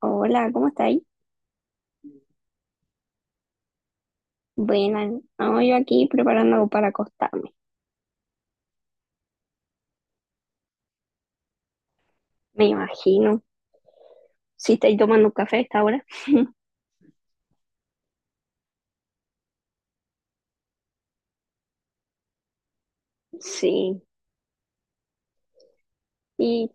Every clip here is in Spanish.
Hola, ¿cómo estáis? Buena, no, yo aquí preparando para acostarme, me imagino. Si estáis tomando un café a esta hora. Sí. Y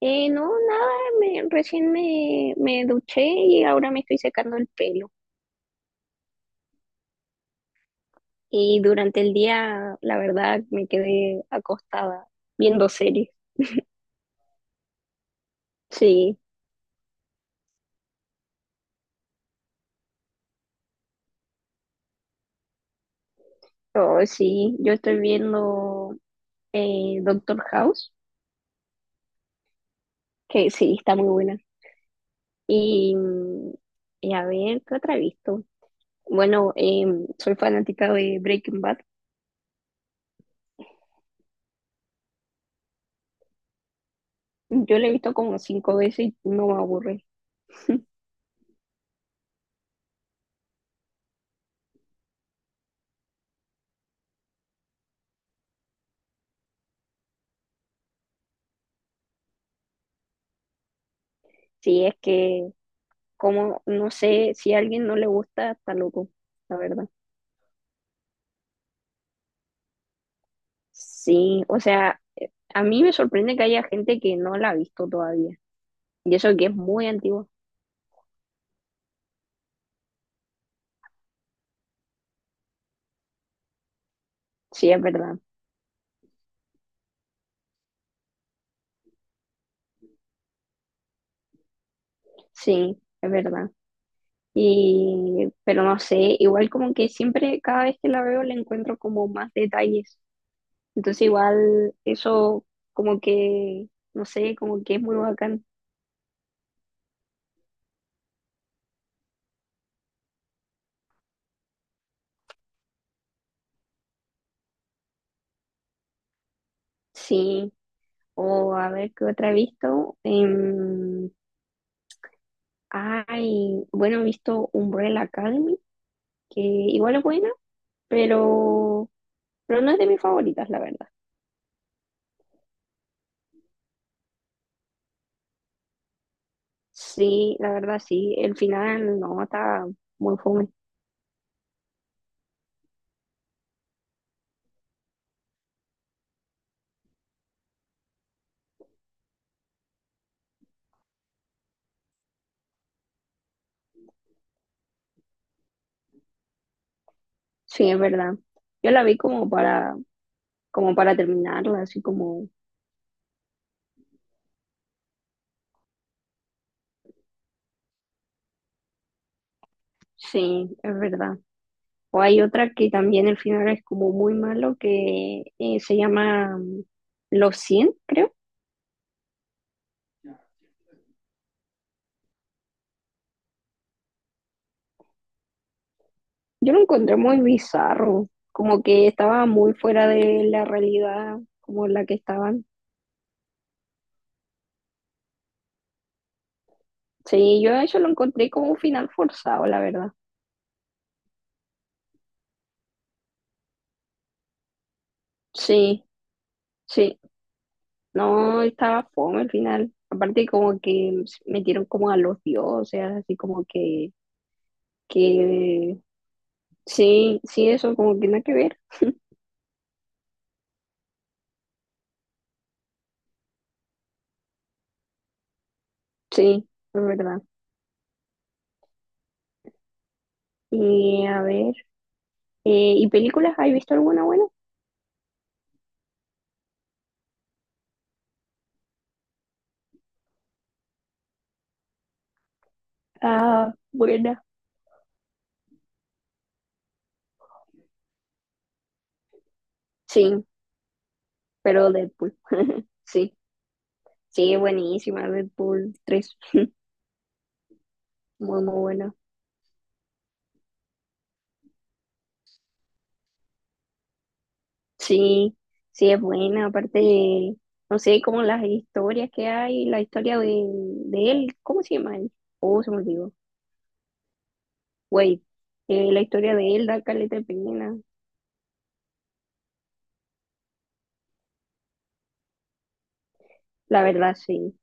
no, nada, me duché y ahora me estoy secando el pelo. Y durante el día, la verdad, me quedé acostada viendo series. Sí, oh, sí, yo estoy viendo Doctor House, que sí, está muy buena. Y, mm, y a ver, ¿qué otra he visto? Bueno, soy fanática de Breaking Bad. Yo la he visto como cinco veces y no me aburre. Sí, es que, como, no sé, si a alguien no le gusta, está loco, la verdad. Sí, o sea, a mí me sorprende que haya gente que no la ha visto todavía. Y eso que es muy antiguo. Sí, es verdad. Sí, es verdad. Y, pero no sé, igual como que siempre, cada vez que la veo, le encuentro como más detalles. Entonces igual eso como que, no sé, como que es muy bacán. Sí, o a ver qué otra he visto. Ay, bueno, he visto Umbrella Academy, que igual es buena, pero, pero no es de mis favoritas, la verdad. Sí, la verdad sí, el final no está muy fome. Sí, es verdad. Yo la vi como para, terminarla, así como, sí, es verdad. O hay otra que también el final es como muy malo, que se llama Los 100 creo. Yo lo encontré muy bizarro, como que estaba muy fuera de la realidad como la que estaban. Sí, yo eso lo encontré como un final forzado, la verdad. Sí, sí, no estaba fome el final. Aparte como que metieron como a los dioses, así como que, sí, sí, eso como que nada que ver. Sí, es verdad. Y a ver. ¿Y películas? ¿Has visto alguna buena? Ah, buena. Sí, pero Deadpool. Sí, sí, es buenísima Deadpool tres, muy, muy buena. Sí, sí, es buena. Aparte, no sé, como las historias que hay, la historia de él, ¿cómo se llama él? Oh, se me olvidó. Wait, la historia de él da caleta de pena. La verdad, sí.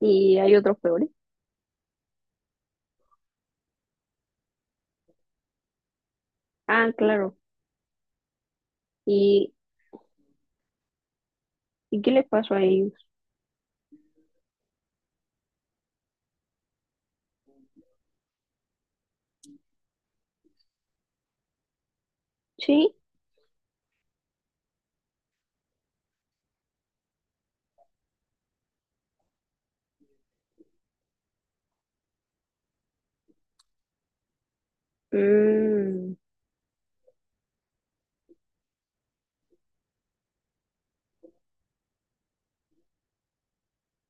Y hay otros peores. Ah, claro. ¿Y, y qué les pasó a ellos? Sí. Mm,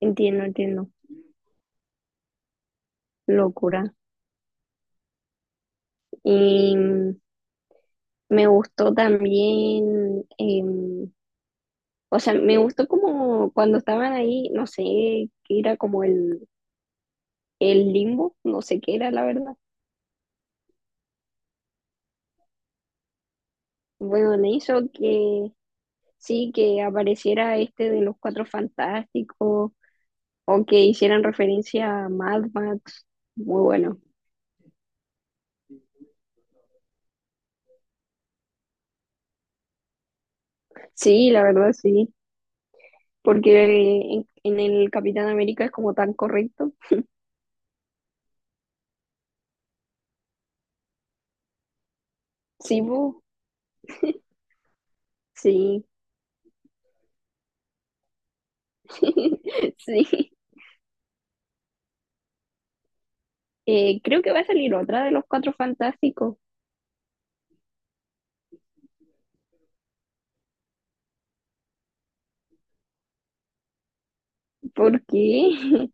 entiendo, entiendo. Locura. Y me gustó también, o sea, me gustó como cuando estaban ahí, no sé, qué era como el limbo, no sé qué era la verdad. Bueno, le hizo que sí, que apareciera este de los Cuatro Fantásticos o que hicieran referencia a Mad Max. Muy bueno. Sí, la verdad sí, porque en el Capitán América es como tan correcto. Sí, sí, sí. Creo que va a salir otra de los Cuatro Fantásticos. ¿Por qué?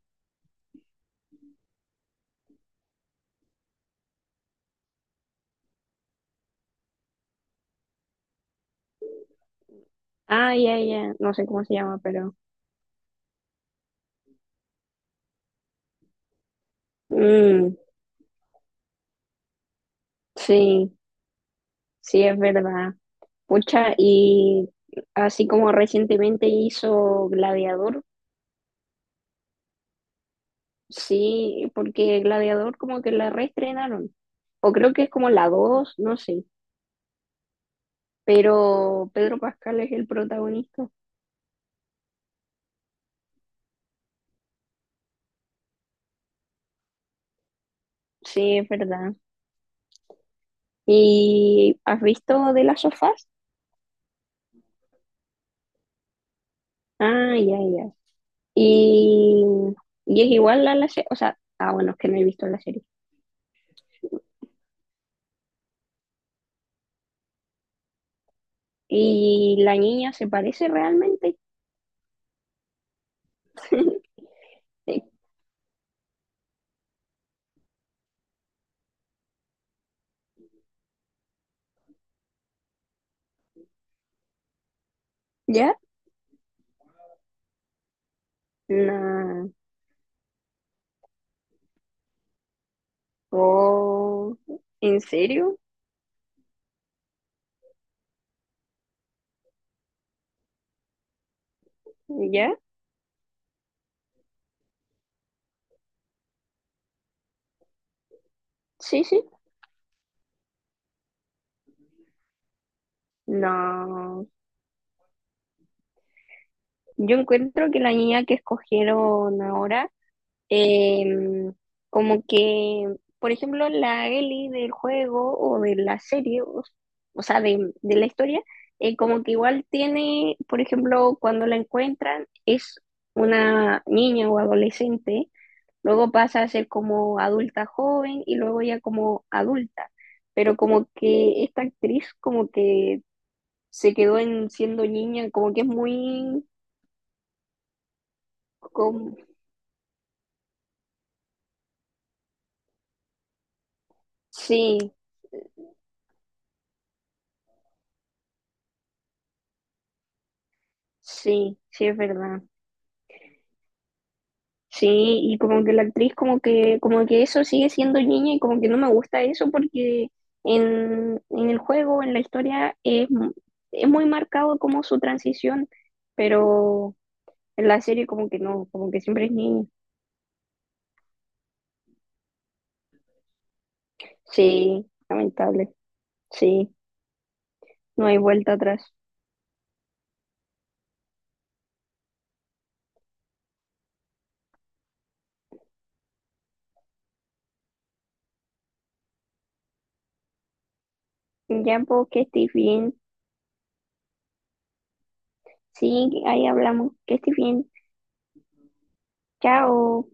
Ah, ya, ya. No sé cómo se llama, pero. Mm, sí, sí, es verdad. Pucha, y así como recientemente hizo Gladiador, sí, porque Gladiador como que la reestrenaron. O creo que es como la dos, no sé. Pero Pedro Pascal es el protagonista. Sí, es verdad. ¿Y has visto de las sofás? Ah, ya, ya. Y, y es igual a la serie, o sea, ah, bueno, es que no he visto la serie. Y la niña se parece realmente. ¿Ya? No. Oh, ¿en serio? ¿Ya? Sí, sí. No. Yo encuentro que la niña que escogieron ahora, Em, como que, por ejemplo, la Ellie del juego o de la serie, o sea, de la historia, como que igual tiene, por ejemplo, cuando la encuentran, es una niña o adolescente, luego pasa a ser como adulta joven y luego ya como adulta. Pero como que esta actriz como que se quedó en siendo niña, como que es muy, como, sí, sí, sí es verdad. Sí, y como que la actriz como que eso sigue siendo niña y como que no me gusta eso porque en el juego, en la historia, es muy marcado como su transición, pero en la serie como que no, como que siempre es niña. Sí, lamentable, sí, no hay vuelta atrás. Ya, pues, que estés bien. Sí, ahí hablamos, que estés bien. Chao.